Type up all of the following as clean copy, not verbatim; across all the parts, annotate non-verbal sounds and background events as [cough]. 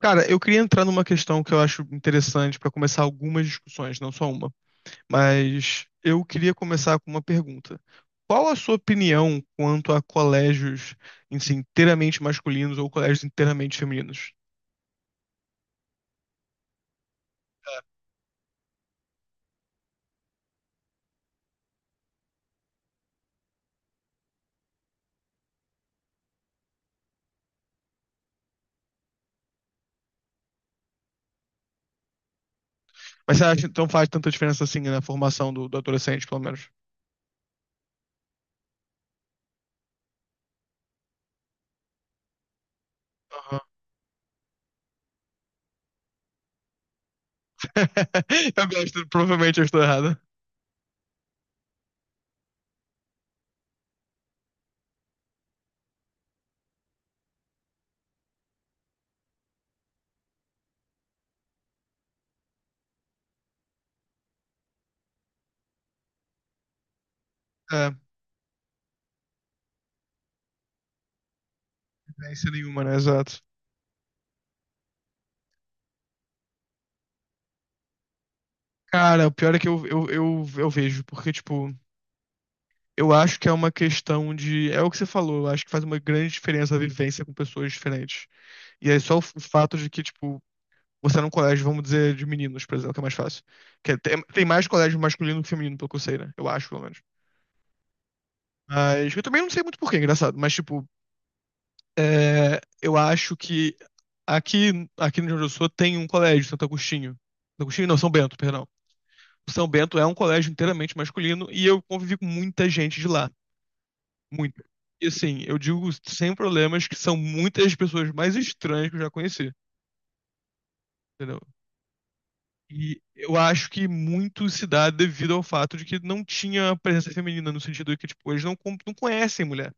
Cara, eu queria entrar numa questão que eu acho interessante para começar algumas discussões, não só uma, mas eu queria começar com uma pergunta. Qual a sua opinião quanto a colégios, assim, inteiramente masculinos ou colégios inteiramente femininos? Mas você acha que não faz tanta diferença assim na formação do adolescente, pelo menos? Aham. [laughs] Eu gosto, provavelmente eu estou errado. É, diferença nenhuma, né? Exato. Cara, o pior é que eu vejo, porque, tipo, eu acho que é uma questão de. É o que você falou, eu acho que faz uma grande diferença a vivência com pessoas diferentes. E aí, só o o fato de que, tipo, você é num colégio, vamos dizer, de meninos, por exemplo, que é mais fácil. Tem, tem mais colégio masculino que feminino, pelo que eu sei, né? Eu acho, pelo menos. Mas eu também não sei muito porquê, engraçado. Mas, tipo, é, eu acho que aqui no Rio Grande do Sul tem um colégio, Santo Agostinho. Santo Agostinho, não, São Bento, perdão. São Bento é um colégio inteiramente masculino e eu convivi com muita gente de lá. Muito. E assim, eu digo sem problemas que são muitas das pessoas mais estranhas que eu já conheci, entendeu? E eu acho que muito se dá devido ao fato de que não tinha presença feminina, no sentido de que, tipo, eles não, não conhecem mulher,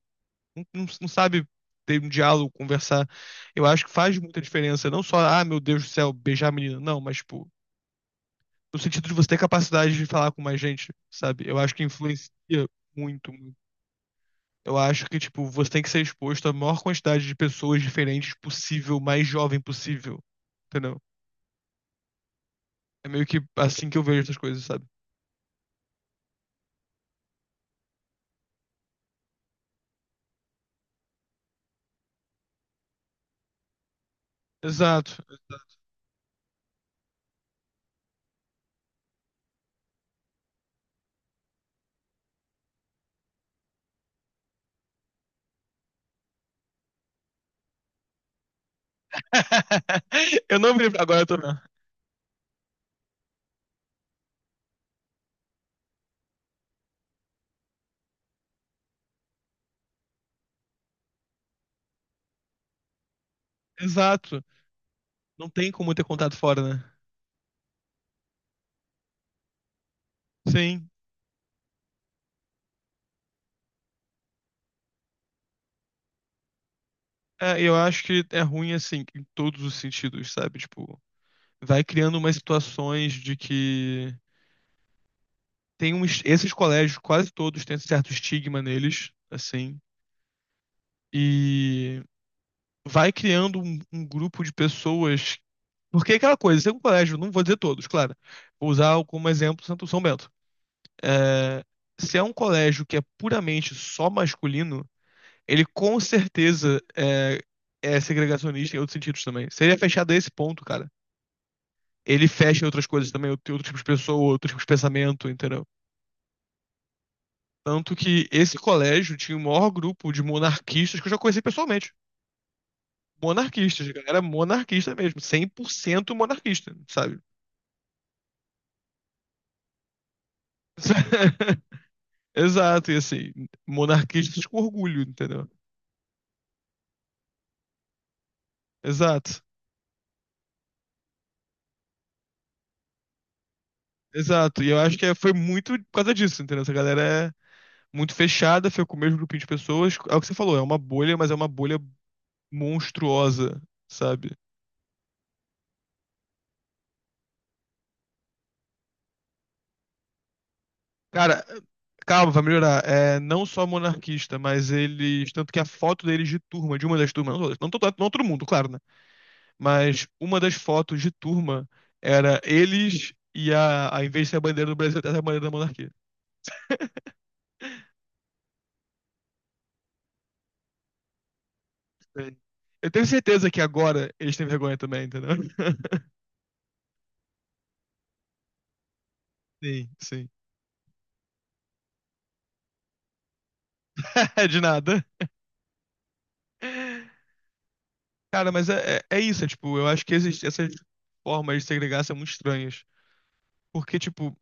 não sabe ter um diálogo, conversar. Eu acho que faz muita diferença, não só, ah, meu Deus do céu, beijar a menina, não, mas, tipo, no sentido de você ter capacidade de falar com mais gente, sabe? Eu acho que influencia muito, muito. Eu acho que, tipo, você tem que ser exposto à maior quantidade de pessoas diferentes possível, mais jovem possível. Entendeu? É meio que assim que eu vejo essas coisas, sabe? Exato. [laughs] Eu não vejo. Agora eu tô. Exato. Não tem como ter contato fora, né? Sim. É, eu acho que é ruim, assim, em todos os sentidos, sabe? Tipo, vai criando umas situações de que tem uns. Esses colégios, quase todos, têm certo estigma neles, assim. E vai criando um grupo de pessoas. Porque é aquela coisa, se é um colégio, não vou dizer todos, claro. Vou usar como exemplo Santo São Bento. É, se é um colégio que é puramente só masculino, ele com certeza é, é segregacionista em outros sentidos também. Seria fechado a esse ponto, cara, ele fecha em outras coisas também, outro tipo de pessoa, outro tipo de pensamento, entendeu? Tanto que esse colégio tinha o maior grupo de monarquistas que eu já conheci pessoalmente. Monarquistas, a galera monarquista mesmo, cem por cento monarquista, sabe? [laughs] Exato, e assim, monarquistas com orgulho, entendeu? Exato, exato. E eu acho que foi muito por causa disso, entendeu? Essa galera é muito fechada, foi com o mesmo grupinho de pessoas. É o que você falou, é uma bolha, mas é uma bolha monstruosa, sabe? Cara, calma, vai melhorar. É não só monarquista, mas eles. Tanto que a foto deles de turma, de uma das turmas, não, todas, não, não todo mundo, claro, né? Mas uma das fotos de turma era eles e a em vez de ser a bandeira do Brasil, era a bandeira da monarquia. Sim. Eu tenho certeza que agora eles têm vergonha também, entendeu? [laughs] Sim, sim. [laughs] De nada. Cara, mas é, é isso, é, tipo, eu acho que existe essas formas de segregar são muito estranhas. Porque, tipo,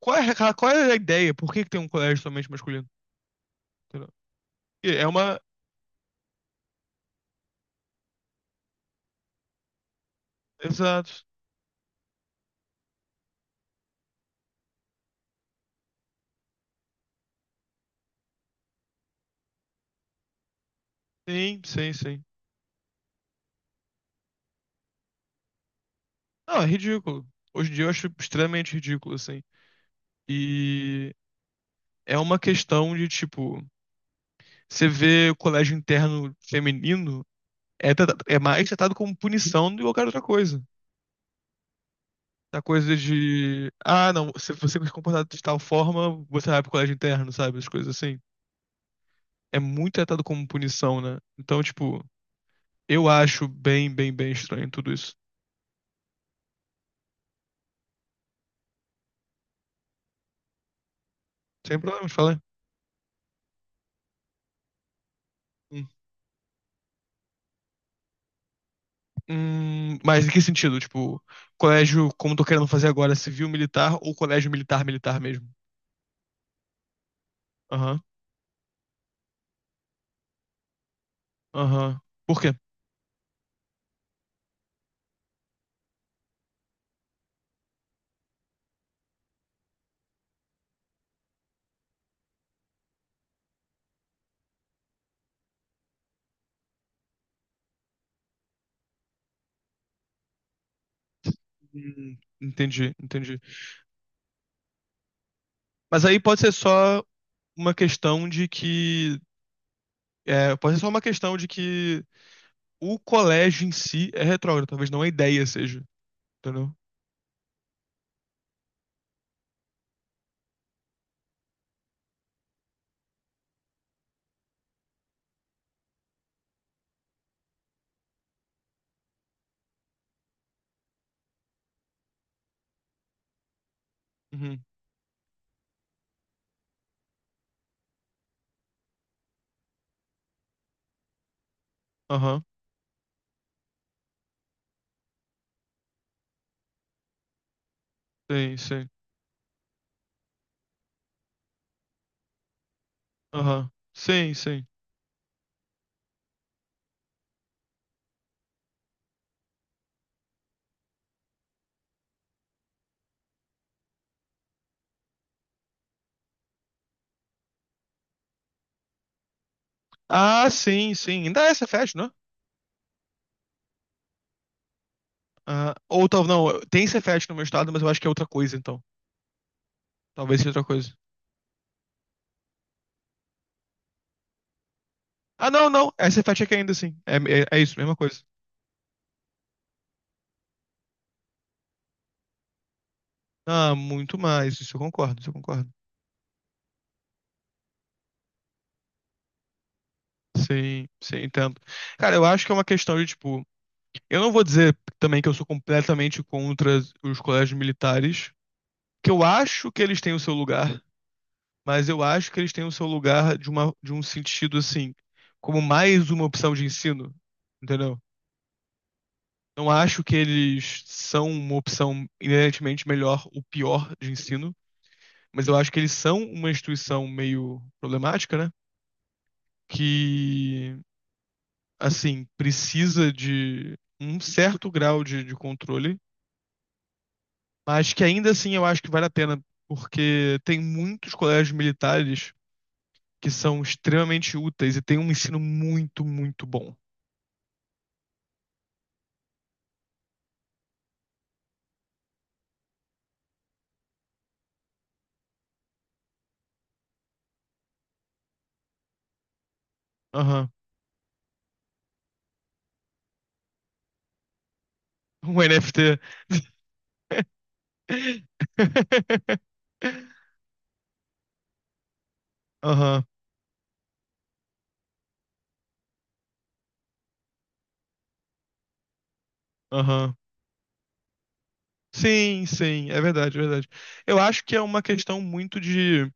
qual é, qual é a ideia? Por que que tem um colégio somente masculino? Entendeu? E é uma. Exato. Sim, sim, sim. Não, é ridículo. Hoje em dia eu acho extremamente ridículo, assim. E é uma questão de, tipo, você vê o colégio interno feminino, é, é mais tratado como punição do que qualquer outra coisa. Da coisa de, ah, não, se você se comportar de tal forma, você vai pro colégio interno, sabe? As coisas assim. É muito tratado como punição, né? Então, tipo, eu acho bem estranho tudo isso. Sem problema de falar. Hum. Mas em que sentido? Tipo, colégio, como tô querendo fazer agora, civil militar ou colégio militar militar mesmo? Aham, aham. Por quê? Entendi, entendi. Mas aí pode ser só uma questão de que é, pode ser só uma questão de que o colégio em si é retrógrado, talvez não a ideia seja, entendeu? Uhum. Aham. Sim, sim. Aham. Sim, sim. Ah, sim, sim. Ainda é Cefet, não é? Ah, ou talvez não, tem Cefet no meu estado, mas eu acho que é outra coisa, então. Talvez seja outra coisa. Ah, não, não. É Cefet aqui ainda, sim. É, é isso, mesma coisa. Ah, muito mais. Isso eu concordo, isso eu concordo. Sim, sim, entendo. Cara, eu acho que é uma questão de, tipo, eu não vou dizer também que eu sou completamente contra os colégios militares, que eu acho que eles têm o seu lugar, mas eu acho que eles têm o seu lugar de uma, de um sentido assim, como mais uma opção de ensino, entendeu? Não acho que eles são uma opção inerentemente melhor ou pior de ensino, mas eu acho que eles são uma instituição meio problemática, né? Que, assim, precisa de um certo grau de controle. Mas que ainda assim eu acho que vale a pena, porque tem muitos colégios militares que são extremamente úteis e tem um ensino muito, muito bom. Aham. Um NFT. [laughs] Aham, aham. Sim, sim, é verdade, é verdade. Eu acho que é uma questão muito de.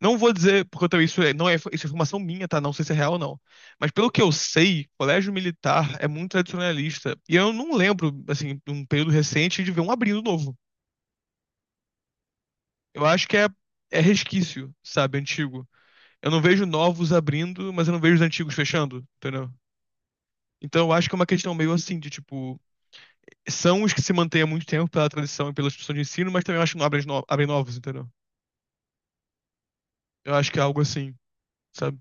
Não vou dizer, porque eu também isso não é, isso é informação minha, tá? Não sei se é real ou não. Mas pelo que eu sei, colégio militar é muito tradicionalista. E eu não lembro, assim, de um período recente de ver um abrindo novo. Eu acho que é, é resquício, sabe, antigo. Eu não vejo novos abrindo, mas eu não vejo os antigos fechando, entendeu? Então eu acho que é uma questão meio assim, de tipo, são os que se mantêm há muito tempo pela tradição e pela instituição de ensino, mas também eu acho que não abrem, abrem novos, entendeu? Eu acho que é algo assim, sabe?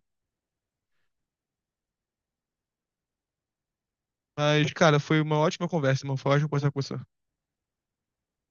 Mas, cara, foi uma ótima conversa, irmão. Foi ótimo conversar com você.